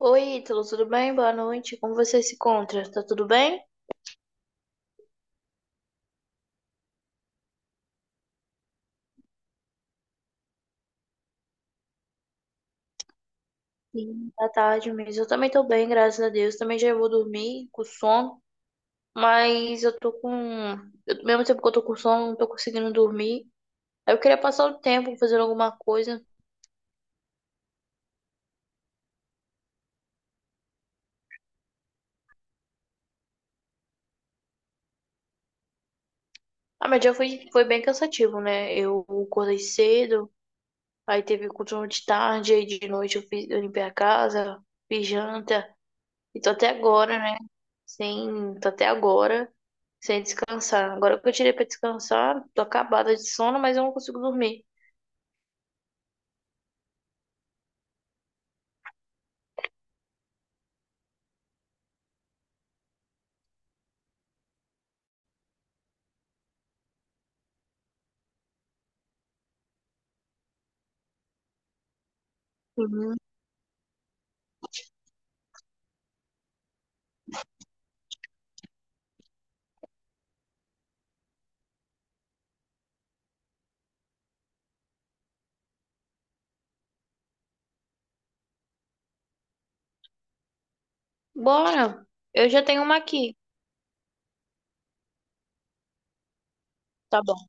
Oi, Ítalo, tudo bem? Boa noite. Como você se encontra? Tá tudo bem? Sim, tá tarde mesmo. Eu também tô bem, graças a Deus. Também já vou dormir com sono, mas eu tô com. Ao mesmo tempo que eu tô com sono, não tô conseguindo dormir. Aí eu queria passar o tempo fazendo alguma coisa. Ah, meu dia foi, foi bem cansativo, né? Eu acordei cedo, aí teve coturno de tarde, aí de noite eu fiz, eu limpei a casa, fiz janta, e tô até agora, né? Sim, tô até agora sem descansar. Agora que eu tirei pra descansar, tô acabada de sono, mas eu não consigo dormir. Uhum. Bora! Eu já tenho uma aqui. Tá bom.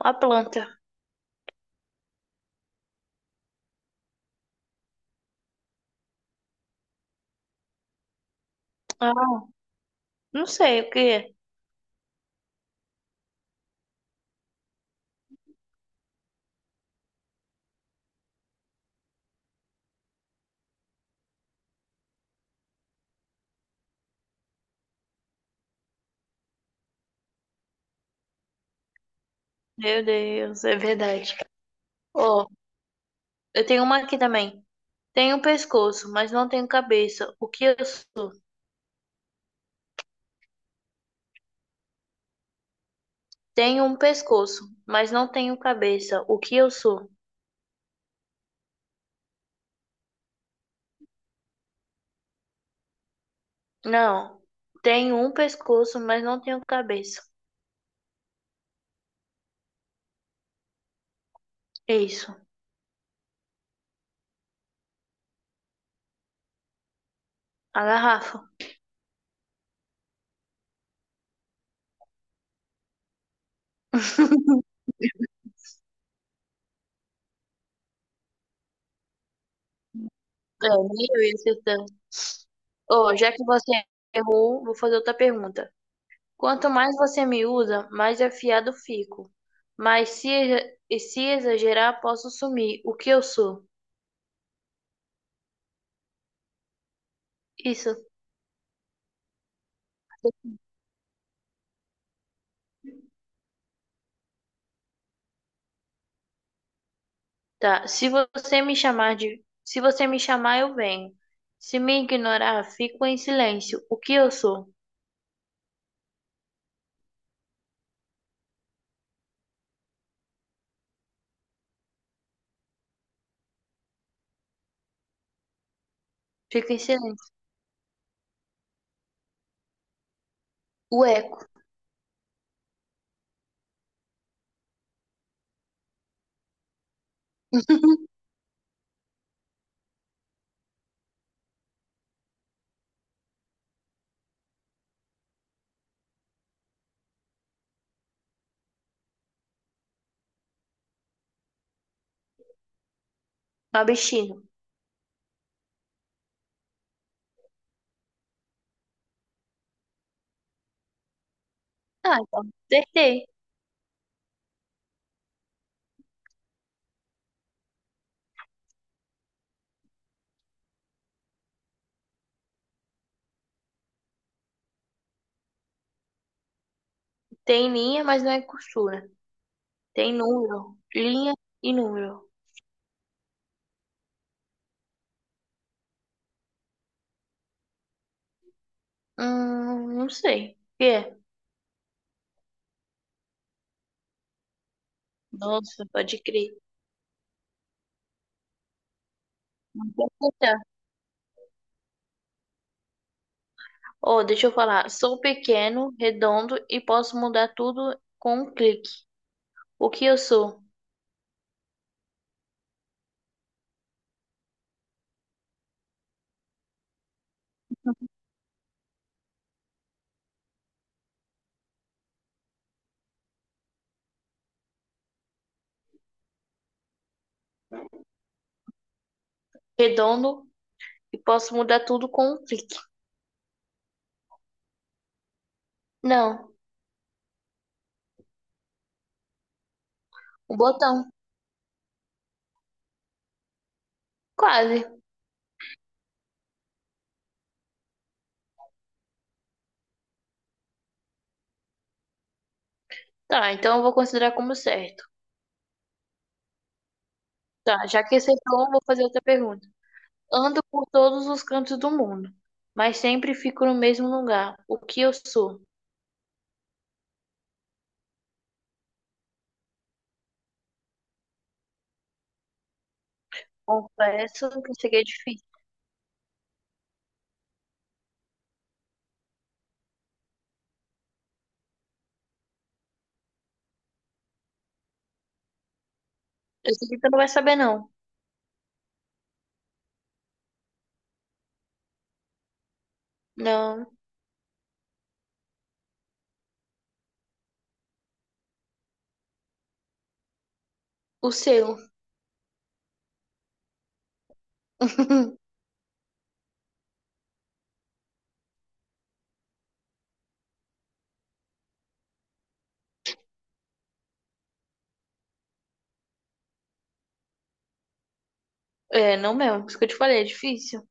A planta. Ah, não sei o que é. Meu Deus, é verdade. Ó, eu tenho uma aqui também. Tenho um pescoço, mas não tenho cabeça. O que eu sou? Tenho um pescoço, mas não tenho cabeça. O que eu sou? Não. Tenho um pescoço, mas não tenho cabeça. É isso. A garrafa. É, nem eu ia acertar. Oh, já que você errou, vou fazer outra pergunta. Quanto mais você me usa, mais afiado fico. Mas se, e se exagerar, posso sumir. O que eu sou? Isso. Tá. Se você me chamar de, se você me chamar, eu venho. Se me ignorar, fico em silêncio. O que eu sou? Fico em silêncio. O eco. Uma. Ah, então. Acertei. Tem linha, mas não é costura. Tem número. Linha e número. Não sei. O que é? Nossa, pode crer. Oh, deixa eu falar. Sou pequeno, redondo e posso mudar tudo com um clique. O que eu sou? Redondo e posso mudar tudo com um clique. Não, um botão. Quase. Tá, então eu vou considerar como certo. Tá, já que acertou, eu vou fazer outra pergunta. Ando por todos os cantos do mundo, mas sempre fico no mesmo lugar. O que eu sou? Confesso que isso aqui é difícil. Esse aqui tu não vai saber, não. Não, o seu. É, não mesmo. Isso que eu te falei, é difícil.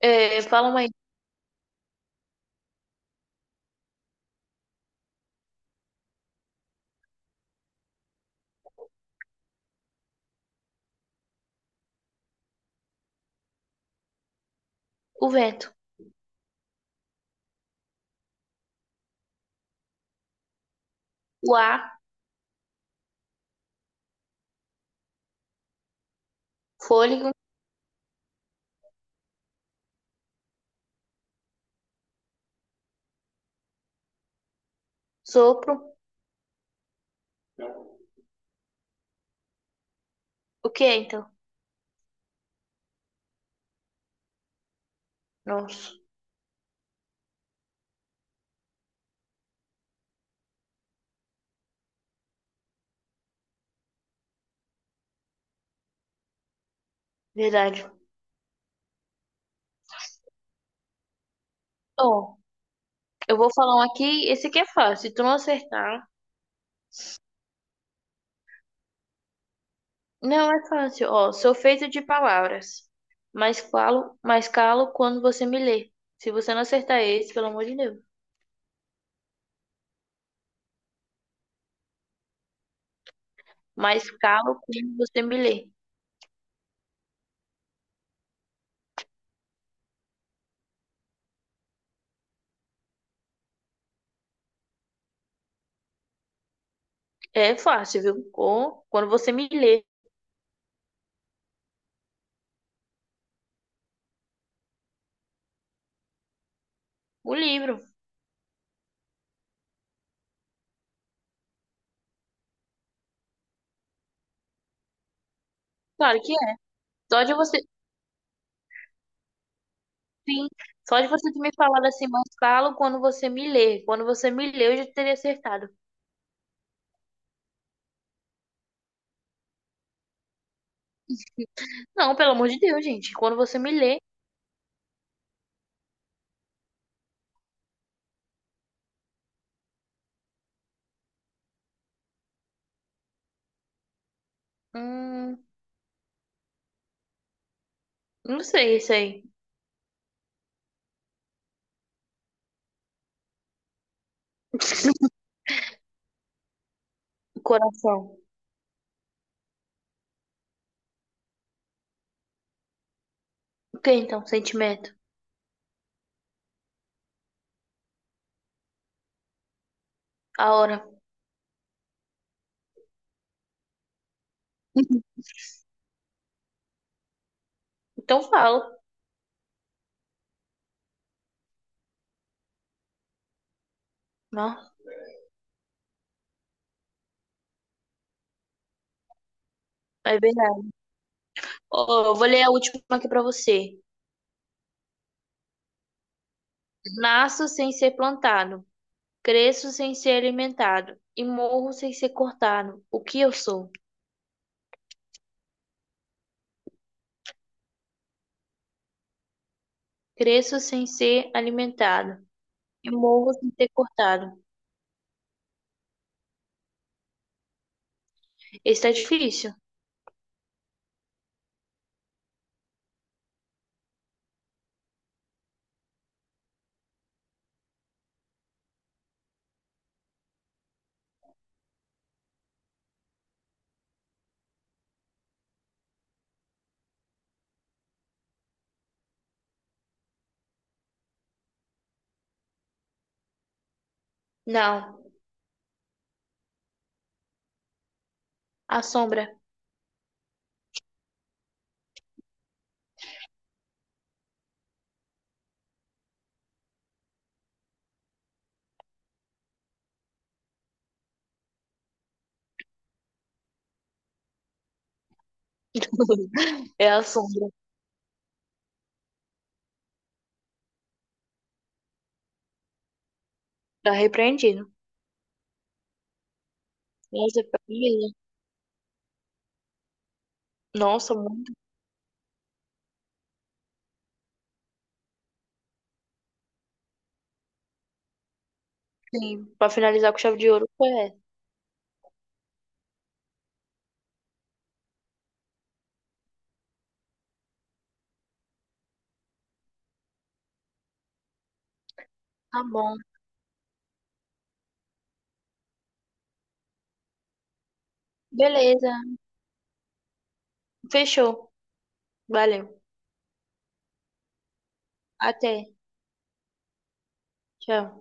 É, falam aí. O vento. O ar. Fôlego. Sopro. O que é, então? Nossa, verdade. Ó, eu vou falar um aqui. Esse aqui é fácil. Se tu não acertar. Não é fácil. Ó, sou feito de palavras. Mas falo, mas calo quando você me lê. Se você não acertar esse, pelo amor de Deus. Mas calo quando você me lê. É fácil, viu? Ou quando você me lê o livro. Claro que é. Só de você. Sim, só de você ter me falado assim, mas falo quando você me lê. Quando você me lê, eu já teria acertado. Não, pelo amor de Deus, gente. Quando você me lê, hum, não sei isso aí. Coração. O que então? Sentimento. A hora. Então falo. Não, é verdade. Ó, eu vou ler a última aqui pra você. Nasço sem ser plantado, cresço sem ser alimentado e morro sem ser cortado. O que eu sou? Cresço sem ser alimentado e morro sem ser cortado. Esse tá difícil. Não. A sombra. É a sombra. Tá repreendido. Nossa, pra mim, né? Nossa, muito bem. Pra finalizar com chave de ouro, foi essa. Tá bom. Beleza. Fechou. Valeu. Até. Tchau.